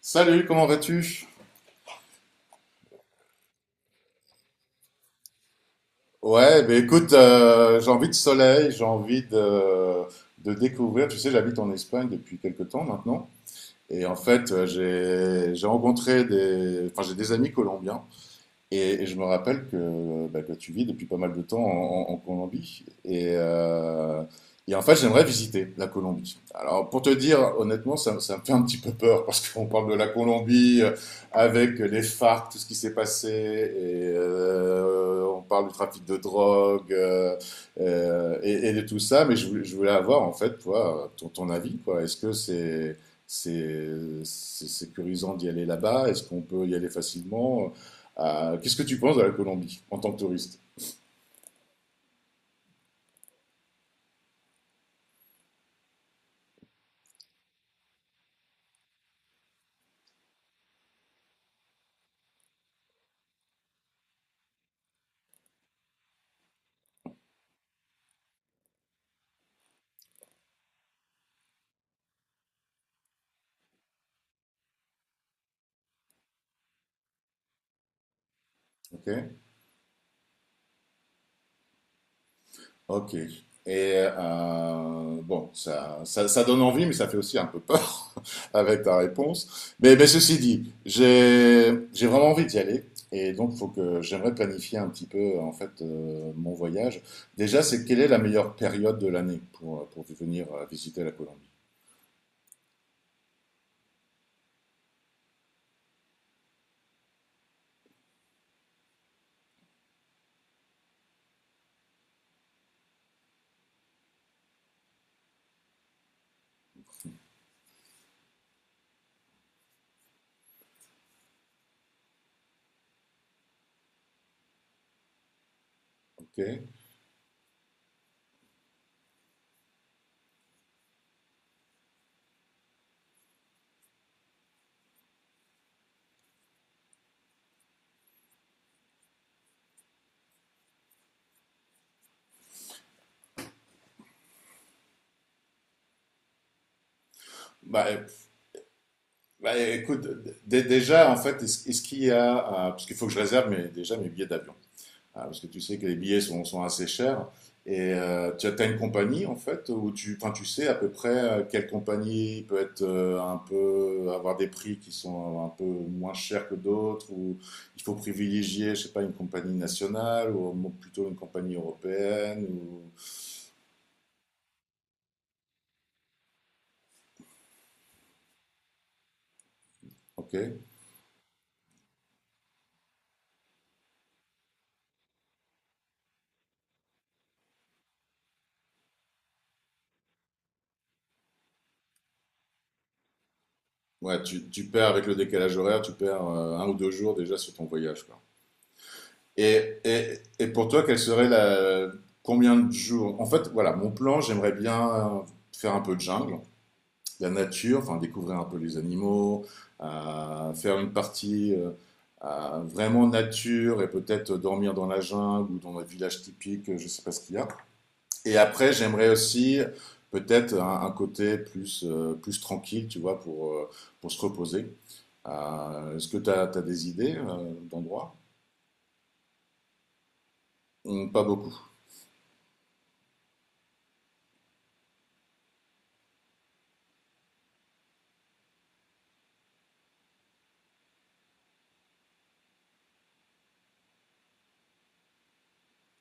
Salut, comment vas-tu? Ouais, ben écoute, j'ai envie de soleil, de découvrir. Tu sais, j'habite en Espagne depuis quelques temps maintenant. Et en fait, j'ai rencontré j'ai des amis colombiens. Et je me rappelle que, bah, que tu vis depuis pas mal de temps en Colombie. Et en fait, j'aimerais visiter la Colombie. Alors, pour te dire, honnêtement, ça me fait un petit peu peur parce qu'on parle de la Colombie avec les FARC, tout ce qui s'est passé. Et on parle du trafic de drogue et de tout ça. Mais je voulais avoir, en fait, toi, ton avis, quoi. Est-ce que c'est... C'est c'est sécurisant d'y aller là-bas? Est-ce qu'on peut y aller facilement? Qu'est-ce que tu penses de la Colombie en tant que touriste? Ok, ok. Et bon, ça donne envie, mais ça fait aussi un peu peur avec ta réponse. Mais ceci dit, j'ai vraiment envie d'y aller. Et donc, faut que j'aimerais planifier un petit peu en fait mon voyage. Déjà, c'est quelle est la meilleure période de l'année pour venir visiter la Colombie? Ok. Bah, euh, bah, écoute, déjà en fait, est-ce qu'il y a, parce qu'il faut que je réserve déjà mes billets d'avion. Ah, parce que tu sais que les billets sont assez chers. Et tu as t'as une compagnie en fait où tu sais à peu près quelle compagnie peut être un peu avoir des prix qui sont un peu moins chers que d'autres ou il faut privilégier, je sais pas, une compagnie nationale ou plutôt une compagnie européenne ou ok. Ouais, tu perds avec le décalage horaire, tu perds un ou deux jours déjà sur ton voyage, quoi. Et, et, et pour toi, quelle serait la... Combien de jours? En fait, voilà, mon plan, j'aimerais bien faire un peu de jungle, la nature, enfin découvrir un peu les animaux, faire une partie vraiment nature et peut-être dormir dans la jungle ou dans un village typique, je sais pas ce qu'il y a. Et après, j'aimerais aussi peut-être un côté plus, plus tranquille, tu vois, pour se reposer. Est-ce que tu as, des idées d'endroits? Pas beaucoup.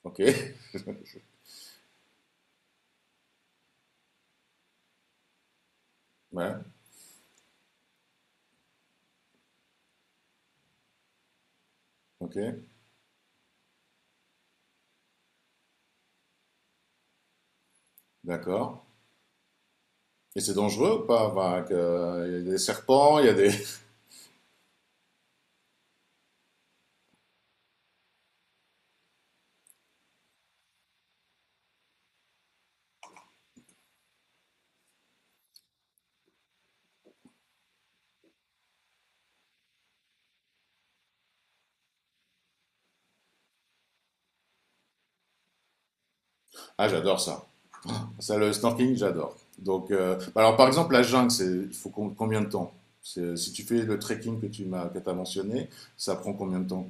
Ok. Ouais. Ok, d'accord. Et c'est dangereux ou pas? Enfin, avec, il y a des serpents, il y a des... Ah, j'adore ça. Ça, le snorkeling, j'adore. Donc, bah alors, par exemple, la jungle, c'est, il faut combien de temps? C'est- Si tu fais le trekking que t'as mentionné, ça prend combien de temps?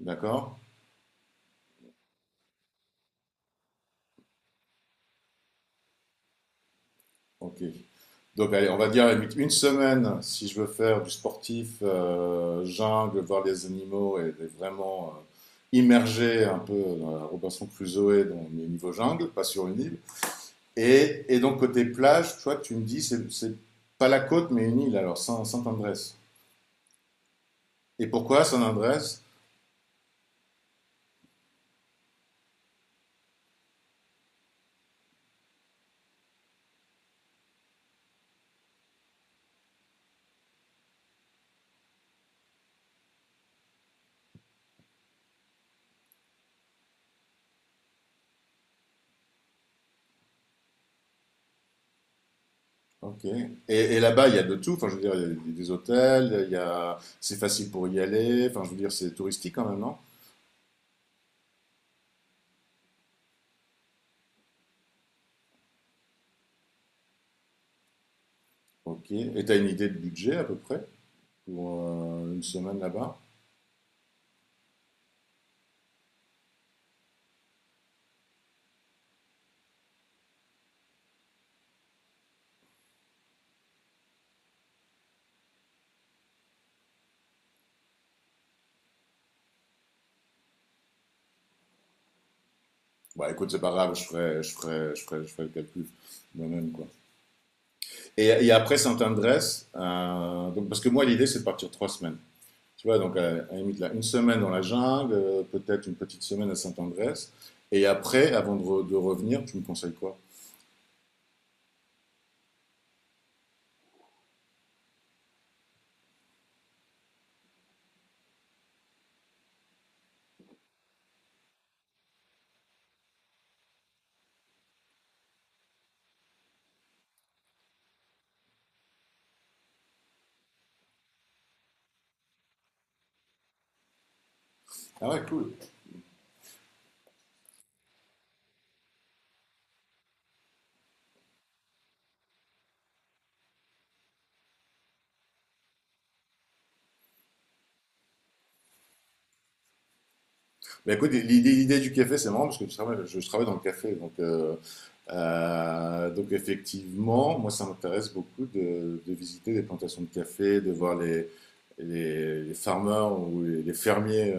D'accord? Ok. Donc, allez, on va dire à la limite une semaine si je veux faire du sportif, jungle, voir les animaux et vraiment immerger un peu dans la Robinson Crusoe dans les niveaux jungle, pas sur une île. Et donc, côté plage, toi, tu me dis, c'est pas la côte, mais une île, alors, Saint-Andrés. Et pourquoi Saint-Andrés? Ok. Et là-bas, il y a de tout. Enfin, je veux dire, il y a des- hôtels, il y a... c'est facile pour y aller. Enfin, je veux dire, c'est touristique quand même, non? Ok. Et t'as une idée de budget à peu près pour une semaine là-bas? Bah, écoute, c'est pas grave, je ferai le calcul moi-même, quoi. Et après Saint-Andrés, donc, parce que moi, l'idée, c'est de partir trois semaines. Tu vois, donc à la limite, là, une semaine dans la jungle, peut-être une petite semaine à Saint-Andrés. Et après, de revenir, tu me conseilles quoi? Ah ouais, cool. Bah écoute, l'idée du café, c'est marrant parce que je travaille dans le café. Donc effectivement, moi ça m'intéresse beaucoup de visiter des plantations de café, de voir les farmers ou les fermiers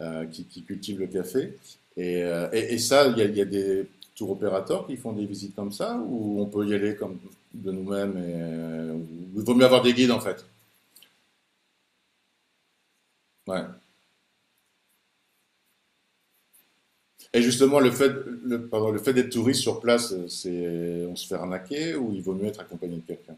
qui cultivent le café. Et, et ça, il y a des tour opérateurs qui font des visites comme ça, ou on peut y aller comme de nous-mêmes et il vaut mieux avoir des guides en fait. Ouais. Et justement, pardon, le fait d'être touriste sur place, c'est on se fait arnaquer ou il vaut mieux être accompagné de quelqu'un.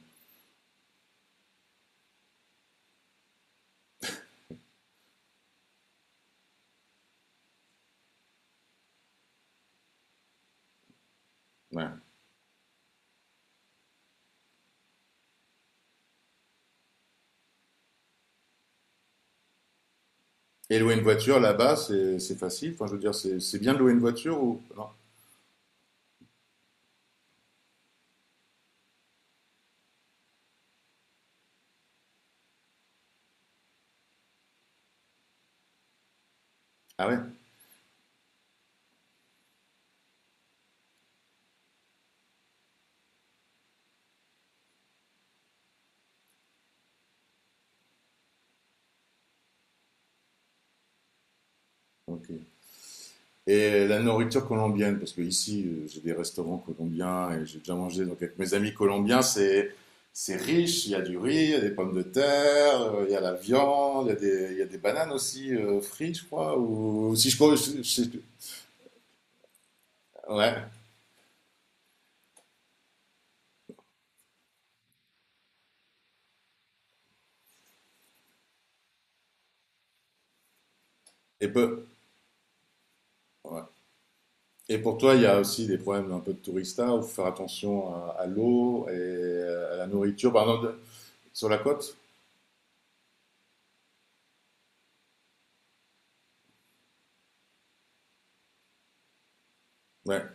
Ouais. Et louer une voiture là-bas, c'est facile. Enfin, je veux dire, c'est bien de louer une voiture ou non? Ah ouais? Ok. Et la nourriture colombienne, parce que ici, j'ai des restaurants colombiens et j'ai déjà mangé donc avec mes amis colombiens, c'est riche. Il y a du riz, il y a des pommes de terre, il y a la viande, il y a des bananes aussi frites, je crois. Ou si je, crois, je- ouais. Et peu. Ouais. Et pour toi, il y a aussi des problèmes un peu de tourista, où faut faire attention à l'eau et à la nourriture. Par exemple, sur la côte. Ouais.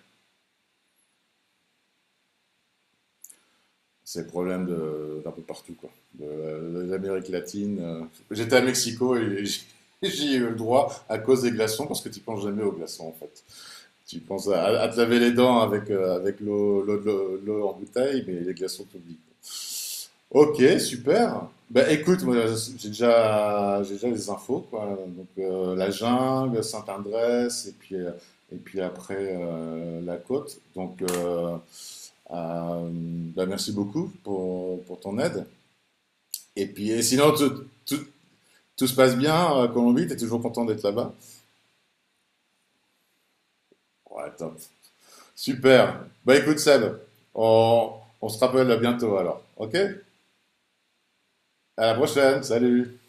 C'est problème d'un peu partout, quoi. De l'Amérique latine. J'étais à Mexico et j'y ai eu le droit à cause des glaçons, parce que tu penses jamais aux glaçons, en fait. Tu penses à te laver les dents avec, avec l'eau en bouteille, mais les glaçons t'oublient. Ok, super. Bah, écoute, moi, j'ai déjà les infos, quoi. Donc, la jungle, Saint-Andrés, et puis après, la côte. Donc, euh, bah, merci beaucoup pour ton aide. Et puis, et sinon, tout se passe bien à Colombie, t'es toujours content d'être là-bas? Ouais, top. Super. Bah écoute Seb, on, on se rappelle bientôt alors. Ok? À la prochaine. Salut.